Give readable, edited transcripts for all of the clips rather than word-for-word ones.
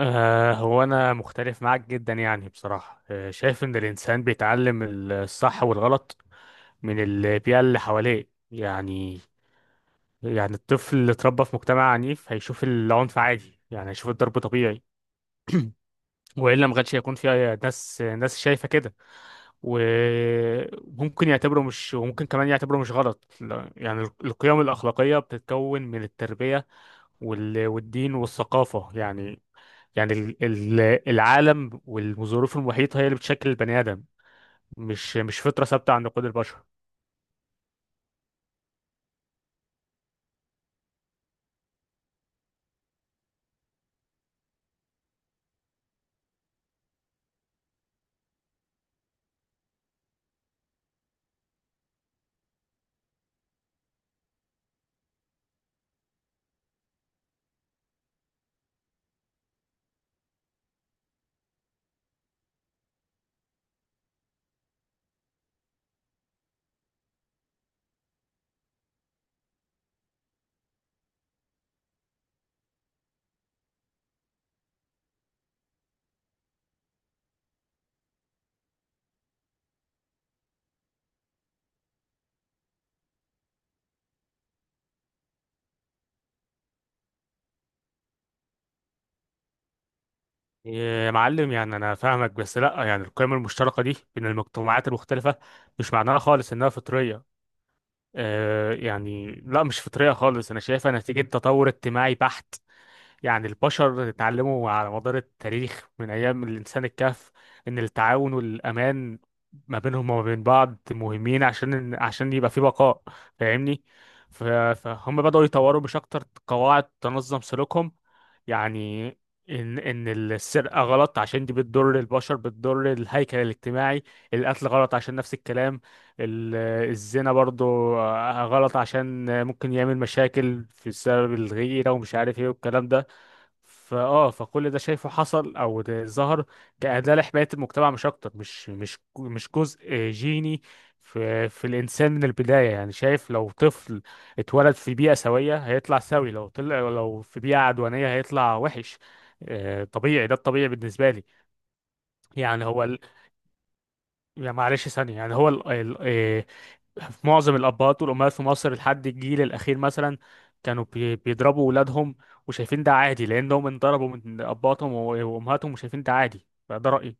هو أنا مختلف معاك جدا، يعني بصراحة شايف إن الإنسان بيتعلم الصح والغلط من البيئة اللي حواليه. يعني يعني الطفل اللي اتربى في مجتمع عنيف هيشوف العنف عادي، يعني هيشوف الضرب طبيعي، وإلا ما كانش هيكون في ناس شايفة كده. وممكن كمان يعتبره مش غلط. لا، يعني القيم الأخلاقية بتتكون من التربية والدين والثقافة، يعني العالم والظروف المحيطة هي اللي بتشكل البني آدم، مش فطرة ثابتة عند كل البشر. يا معلم، يعني أنا فاهمك، بس لأ، يعني القيم المشتركة دي بين المجتمعات المختلفة مش معناها خالص إنها فطرية. يعني لأ، مش فطرية خالص، أنا شايفها نتيجة تطور اجتماعي بحت. يعني البشر اتعلموا على مدار التاريخ من أيام الإنسان الكهف إن التعاون والأمان ما بينهم وما بين بعض مهمين عشان يبقى في بقاء، فاهمني؟ ف- فهم بدأوا يطوروا مش أكتر قواعد تنظم سلوكهم. يعني إن السرقة غلط عشان دي بتضر البشر، بتضر الهيكل الاجتماعي، القتل غلط عشان نفس الكلام، ال- الزنا برضو غلط عشان ممكن يعمل مشاكل في السبب الغيرة ومش عارف ايه والكلام ده. فكل ده شايفه حصل او ده ظهر كأداة لحماية المجتمع، مش اكتر، مش جزء جيني في الانسان من البداية. يعني شايف لو طفل اتولد في بيئة سوية هيطلع سوي، لو في بيئة عدوانية هيطلع وحش. طبيعي، ده الطبيعي بالنسبة لي. يعني يعني معلش ثانية، يعني هو ال... ال... آه، في معظم الابهات والامهات في مصر لحد الجيل الاخير مثلا كانوا بيضربوا ولادهم وشايفين ده عادي لانهم انضربوا من اباتهم وامهاتهم وشايفين ده عادي، فده رايي.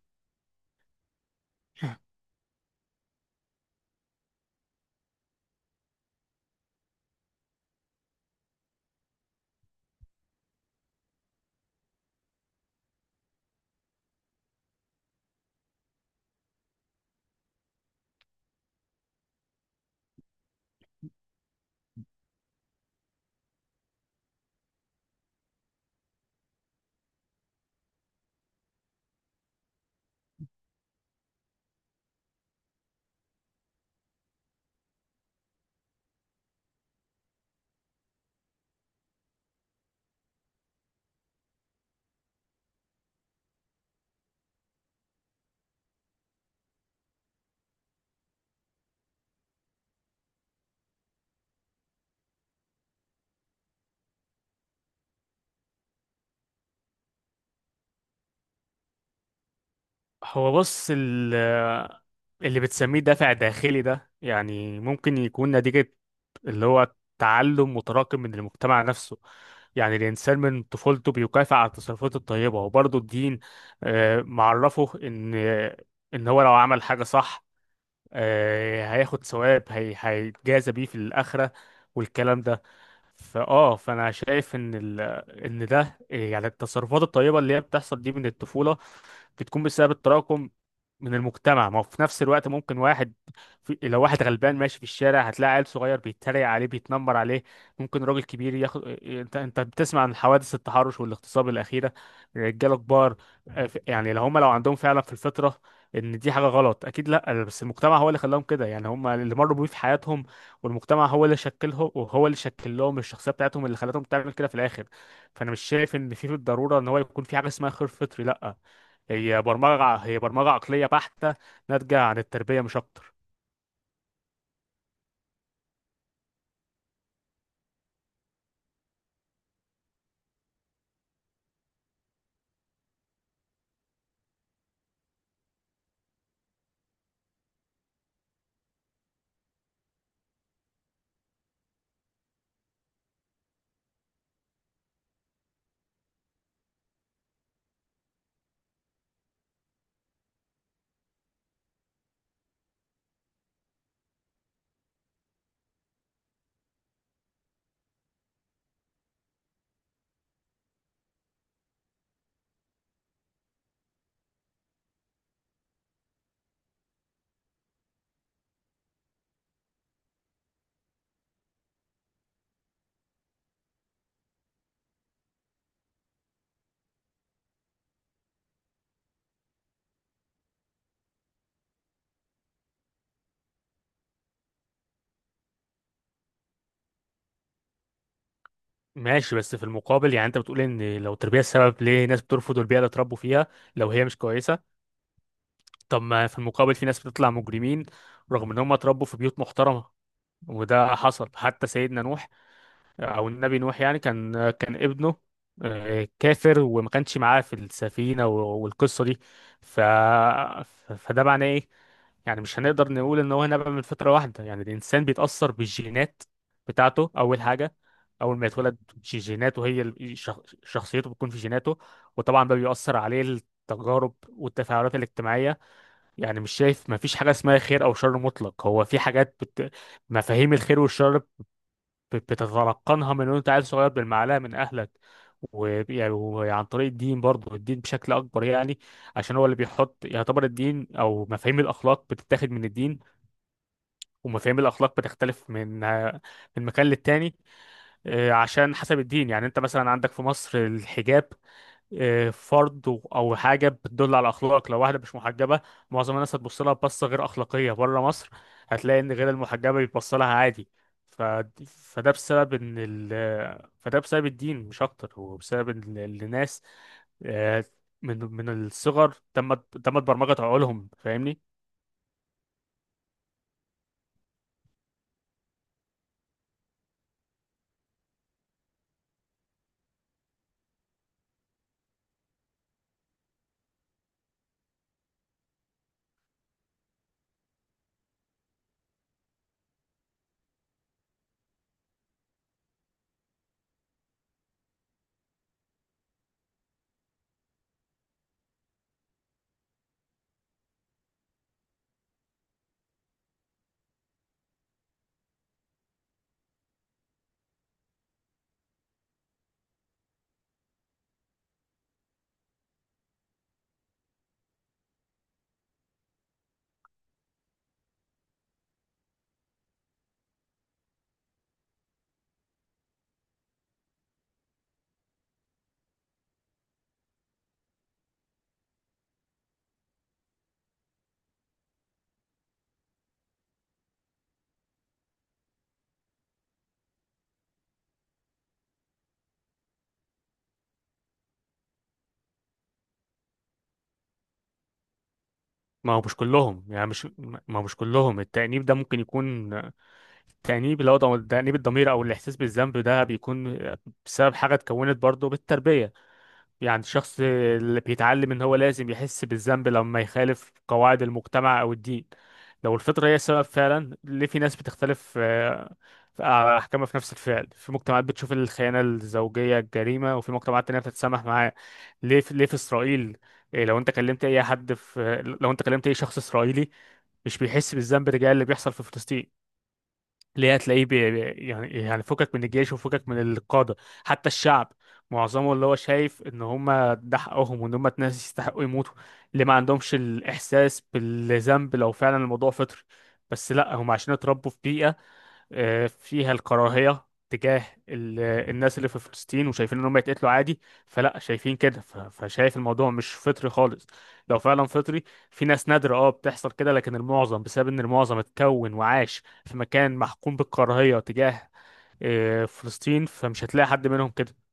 هو بص، اللي بتسميه دافع داخلي ده يعني ممكن يكون نتيجة اللي هو تعلم متراكم من المجتمع نفسه. يعني الإنسان من طفولته بيكافئ على التصرفات الطيبة، وبرضه الدين، معرفه إن هو لو عمل حاجة صح هياخد ثواب، هيتجازى بيه في الآخرة والكلام ده. فانا شايف ان ده يعني التصرفات الطيبه اللي هي بتحصل دي من الطفوله بتكون بسبب التراكم من المجتمع. ما هو في نفس الوقت ممكن واحد لو واحد غلبان ماشي في الشارع هتلاقي عيل صغير بيتريق عليه بيتنمر عليه، ممكن راجل كبير ياخد انت انت بتسمع عن حوادث التحرش والاغتصاب الاخيره، رجاله كبار. يعني لو عندهم فعلا في الفطره ان دي حاجه غلط اكيد لا، بس المجتمع هو اللي خلاهم كده، يعني هم اللي مروا بيه في حياتهم، والمجتمع هو اللي شكلهم وهو اللي شكل لهم الشخصيه بتاعتهم اللي خلتهم تعمل كده في الاخر. فانا مش شايف ان في بالضروره ان هو يكون في حاجه اسمها خير فطري، لا، هي برمجه، هي برمجه عقليه بحته ناتجه عن التربيه مش اكتر. ماشي، بس في المقابل، يعني انت بتقول ان لو التربيه السبب، ليه ناس بترفض البيئه اللي اتربوا فيها لو هي مش كويسه؟ طب ما في المقابل في ناس بتطلع مجرمين رغم ان هم اتربوا في بيوت محترمه. وده حصل حتى سيدنا نوح او النبي نوح، يعني كان ابنه كافر وما كانش معاه في السفينه والقصه دي. فده معناه ايه؟ يعني مش هنقدر نقول ان هو نبع من فتره واحده، يعني الانسان بيتاثر بالجينات بتاعته اول حاجه. اول ما يتولد جيناته هي شخصيته بتكون في جيناته، وطبعا بقى بيأثر عليه التجارب والتفاعلات الاجتماعيه. يعني مش شايف، ما فيش حاجه اسمها خير او شر مطلق، هو في حاجات مفاهيم الخير والشر بتتلقنها من وانت عيل صغير بالمعلقه من اهلك. ويعني وعن طريق الدين برضه، الدين بشكل اكبر يعني، عشان هو اللي بيحط، يعتبر الدين، او مفاهيم الاخلاق بتتاخد من الدين. ومفاهيم الاخلاق بتختلف من مكان للتاني، عشان حسب الدين. يعني انت مثلا عندك في مصر الحجاب فرض او حاجه بتدل على اخلاق، لو واحده مش محجبه معظم الناس هتبص لها بصه غير اخلاقيه. بره مصر هتلاقي ان غير المحجبه بيتبص لها عادي. ف... فده بسبب ان ال... فده بسبب الدين مش اكتر، هو بسبب ان الناس آه، من الصغر تمت برمجه عقولهم، فاهمني؟ ما هو مش كلهم يعني مش ما هو مش كلهم، التأنيب ده ممكن يكون، التأنيب اللي هو تأنيب الضمير أو الإحساس بالذنب ده بيكون بسبب حاجة اتكونت برضه بالتربية. يعني الشخص اللي بيتعلم ان هو لازم يحس بالذنب لما يخالف قواعد المجتمع او الدين. لو الفطرة هي السبب فعلا، ليه في ناس بتختلف آه، في آه، احكامها في نفس الفعل؟ في مجتمعات بتشوف الخيانة الزوجية جريمة وفي مجتمعات تانية بتتسامح معاه. ليه في اسرائيل، إيه، لو انت كلمت اي حد في لو انت كلمت اي شخص اسرائيلي مش بيحس بالذنب تجاه اللي بيحصل في فلسطين؟ اللي هي تلاقيه يعني فكك من الجيش وفكك من القادة، حتى الشعب معظمه اللي هو شايف ان هم ده حقهم وان هم ناس يستحقوا يموتوا، اللي ما عندهمش الاحساس بالذنب. لو فعلا الموضوع فطري، بس لا، هم عشان اتربوا في بيئة فيها الكراهية تجاه الناس اللي في فلسطين، وشايفين ان هم يتقتلوا عادي، فلا شايفين كده. فشايف الموضوع مش فطري خالص. لو فعلا فطري في ناس نادرة بتحصل كده، لكن المعظم بسبب ان المعظم اتكون وعاش في مكان محكوم بالكراهية تجاه فلسطين، فمش هتلاقي حد منهم كده.